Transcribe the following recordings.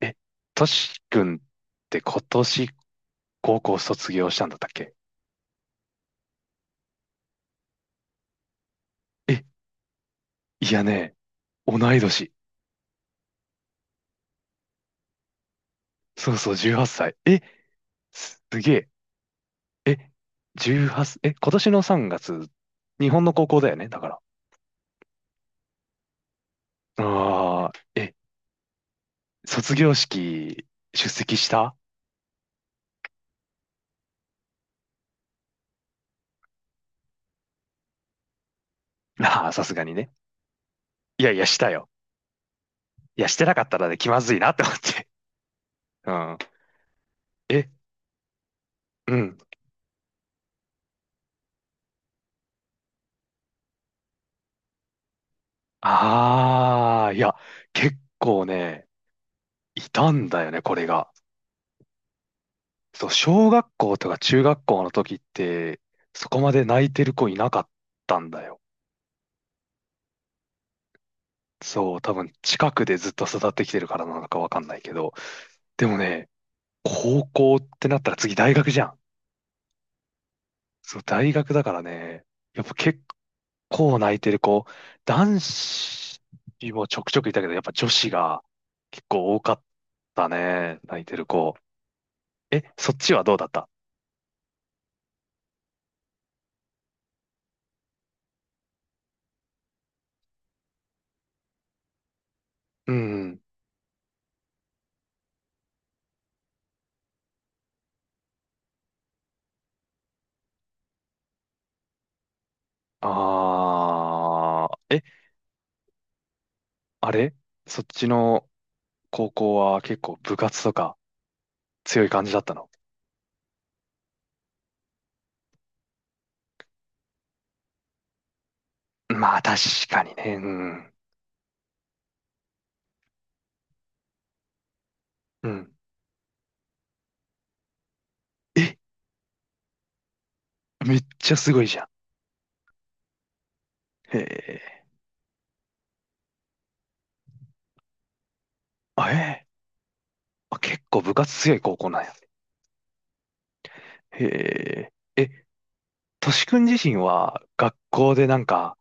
え、トシ君って今年高校卒業したんだったっけ？え、いやね、同い年。そうそう、18歳。すげえ。18、今年の3月、日本の高校だよね、だから。ああ、卒業式出席した？あ あー、さすがにね。いやいや、したよ。いや、してなかったらね、気まずいなって思って。うん。え、うん。ああ、いや、結構ね、いたんだよね、これが。そう、小学校とか中学校の時って、そこまで泣いてる子いなかったんだよ。そう、多分近くでずっと育ってきてるからなのかわかんないけど。でもね、高校ってなったら次大学じゃん。そう、大学だからね、やっぱ結構泣いてる子、男子もちょくちょくいたけど、やっぱ女子が結構多かったね、泣いてる子。え、そっちはどうだった？うん。あー、あれ？そっちの、高校は結構部活とか強い感じだったの？まあ確かにね。うん。うん。え、めっちゃすごいじゃん。へえ。あ、ええ。あ、結構部活強い高校なんや。へえ。え、としくん自身は学校でなんか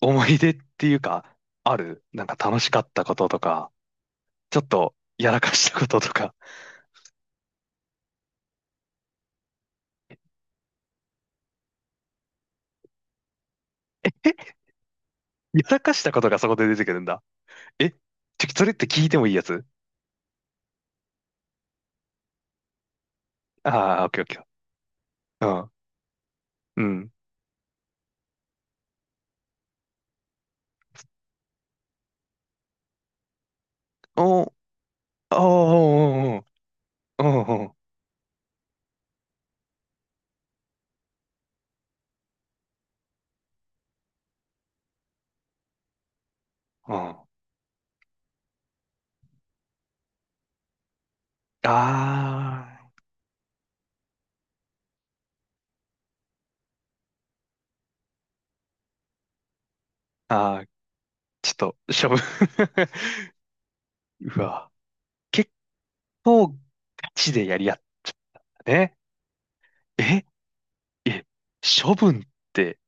思い出っていうか、あるなんか楽しかったこととか、ちょっとやらかしたこととか。やらかしたことがそこで出てくるんだ。え、それって聞いてもいいやつ？ああー、オッケーオッケー。うん。うん。お、おーおーおーうんうんうん。ああ、あー、ちょっと、しょぶ。うわ。結構、ガチでやり合ったね。え、え、処分って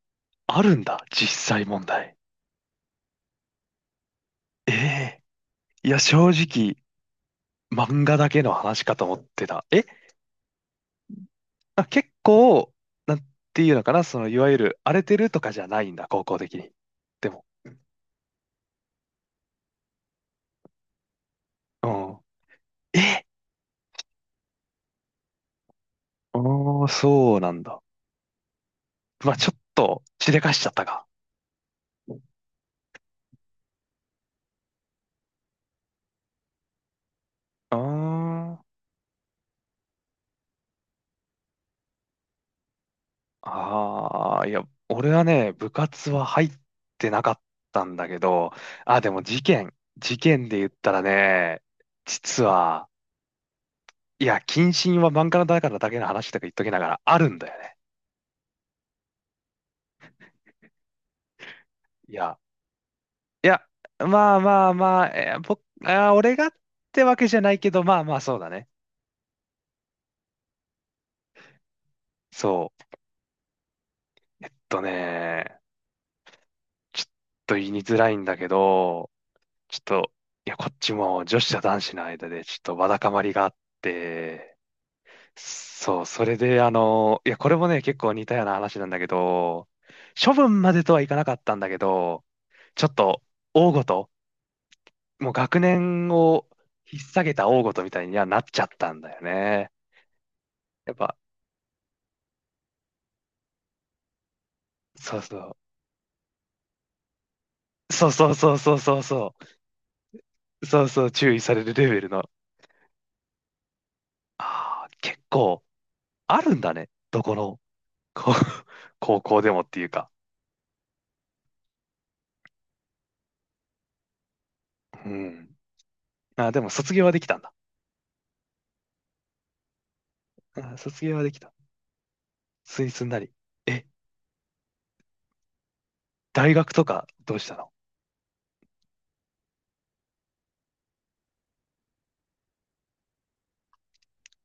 あるんだ、実際問題。ええ、いや、正直、漫画だけの話かと思ってた。え、あ、結構、なんていうのかな、その、いわゆる荒れてるとかじゃないんだ、高校的に。でも、うん。え、おー、そうなんだ。まあ、ちょっと、しでかしちゃったか。あー、ああ、いや、俺はね、部活は入ってなかったんだけど、あ、でも事件、事件で言ったらね、実は、いや、謹慎は漫画のだからだけの話とか言っときながらあるんだよね。いや、いや、まあまあまあ、僕、俺がってわけじゃないけど、まあまあそうだね。そう、えっとね、ちょっと言いにづらいんだけど、ちょっと、いや、こっちも女子と男子の間でちょっとわだかまりがあって、そう、それで、あの、いや、これもね、結構似たような話なんだけど、処分までとはいかなかったんだけど、ちょっと、大ごと、もう学年を引っ提げた大ごとみたいにはなっちゃったんだよね。やっぱ、そうそう。そうそうそうそうそうそう。そうそう、注意されるレベルの。ああ、結構、あるんだね。どこの、こう 高校でもっていうか。うん。あー、でも卒業はできたんだ。うん、卒業はできた。スイスになり。え、大学とかどうしたの？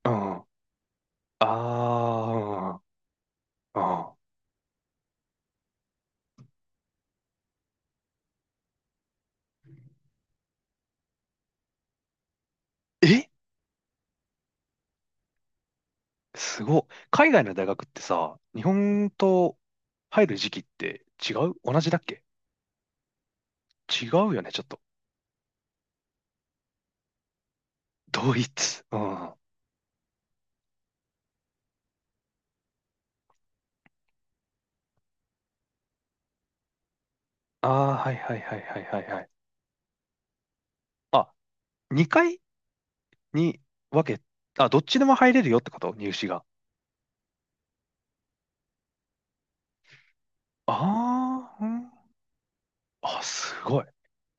うん。ああ、うん。うん、え、すごい。海外の大学ってさ、日本と入る時期って違う？同じだっけ？違うよね、ちょっと。ドイツ。うん。ああ、はいはいはいはいはいはい。あ、2回に分け、あ、どっちでも入れるよってこと？入試が。ああ、うん。あ、すごい。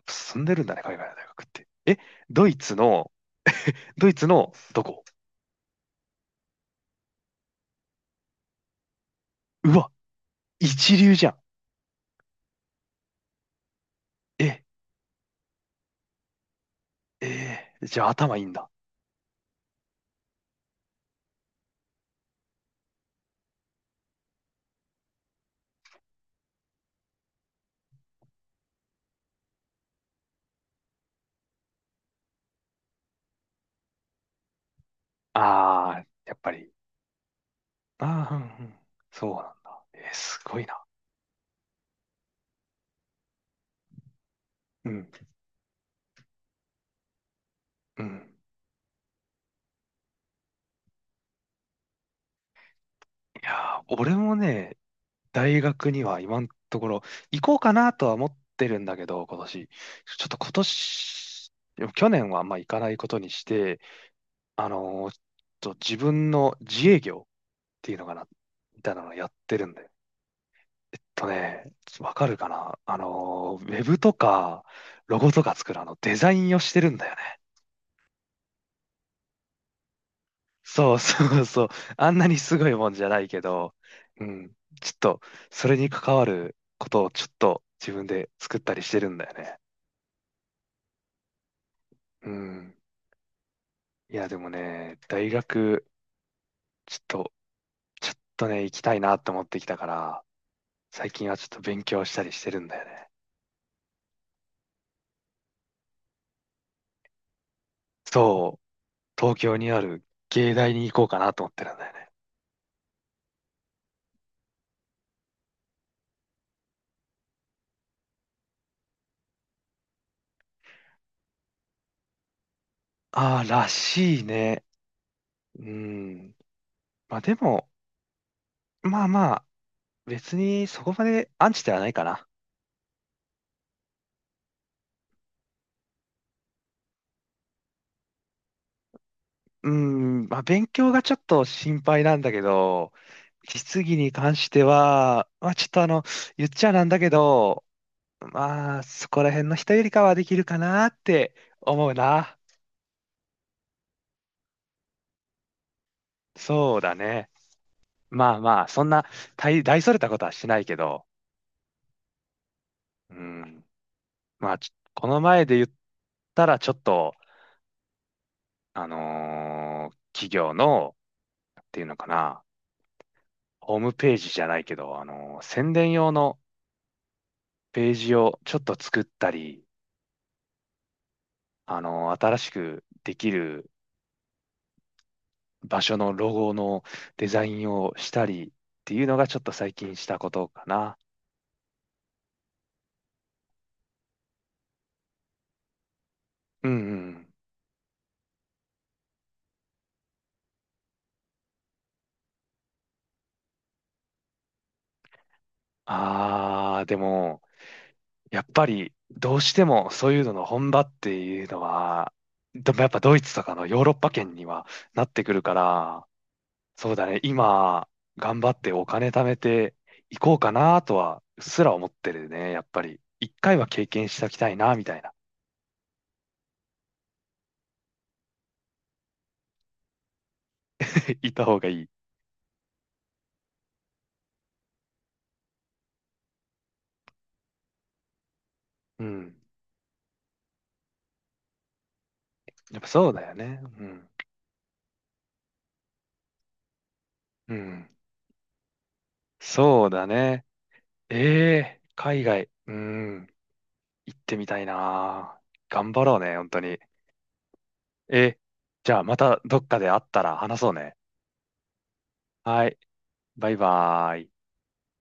進んでるんだね、海外の大学って。え、ドイツの、ドイツのどこ？うわ、一流じゃん。え、え、え、じゃあ頭いいんだ。ああ、やっぱり。ああ、うんうん。そうなんだ。えー、すごいな。うん、うん。いやー、俺もね、大学には今のところ行こうかなとは思ってるんだけど、今年。ちょっと今年、でも去年はあんま行かないことにして、あのーちょっと自分の自営業っていうのかな、みたいなのをやってるんだよ。とね、わかるかな、ウェブとか、ロゴとか作るあの、デザインをしてるんだよね。そうそうそう。あんなにすごいもんじゃないけど、うん。ちょっと、それに関わることをちょっと自分で作ったりしてるんだよね。うん。いや、でもね、大学、ちょっと、ちょっとね、行きたいなって思ってきたから、最近はちょっと勉強したりしてるんだよね。そう、東京にある芸大に行こうかなと思ってるんだよね。ああ、らしいね。うん。まあでも、まあまあ、別にそこまでアンチではないかな。うん、まあ、勉強がちょっと心配なんだけど、実技に関しては、まあ、ちょっとあの、言っちゃなんだけど、まあ、そこら辺の人よりかはできるかなって思うな。そうだね。まあまあ、そんな大、大それたことはしないけど、うん、まあ、ちょこの前で言ったら、ちょっと、企業の、っていうのかな、ホームページじゃないけど、宣伝用のページをちょっと作ったり、あの、新しくできる場所のロゴのデザインをしたりっていうのがちょっと最近したことかな。うんうん。ああ、でも、やっぱりどうしてもそういうのの本場っていうのは、でもやっぱドイツとかのヨーロッパ圏にはなってくるから、そうだね、今頑張ってお金貯めていこうかなとはうっすら思ってるね、やっぱり。一回は経験しておきたいな、みたいな。行った方がいい。うん。やっぱそうだよね。うん。うん。そうだね。え、え、海外。うん。行ってみたいな。頑張ろうね、本当に。え、じゃあまたどっかで会ったら話そうね。はい。バイバーイ。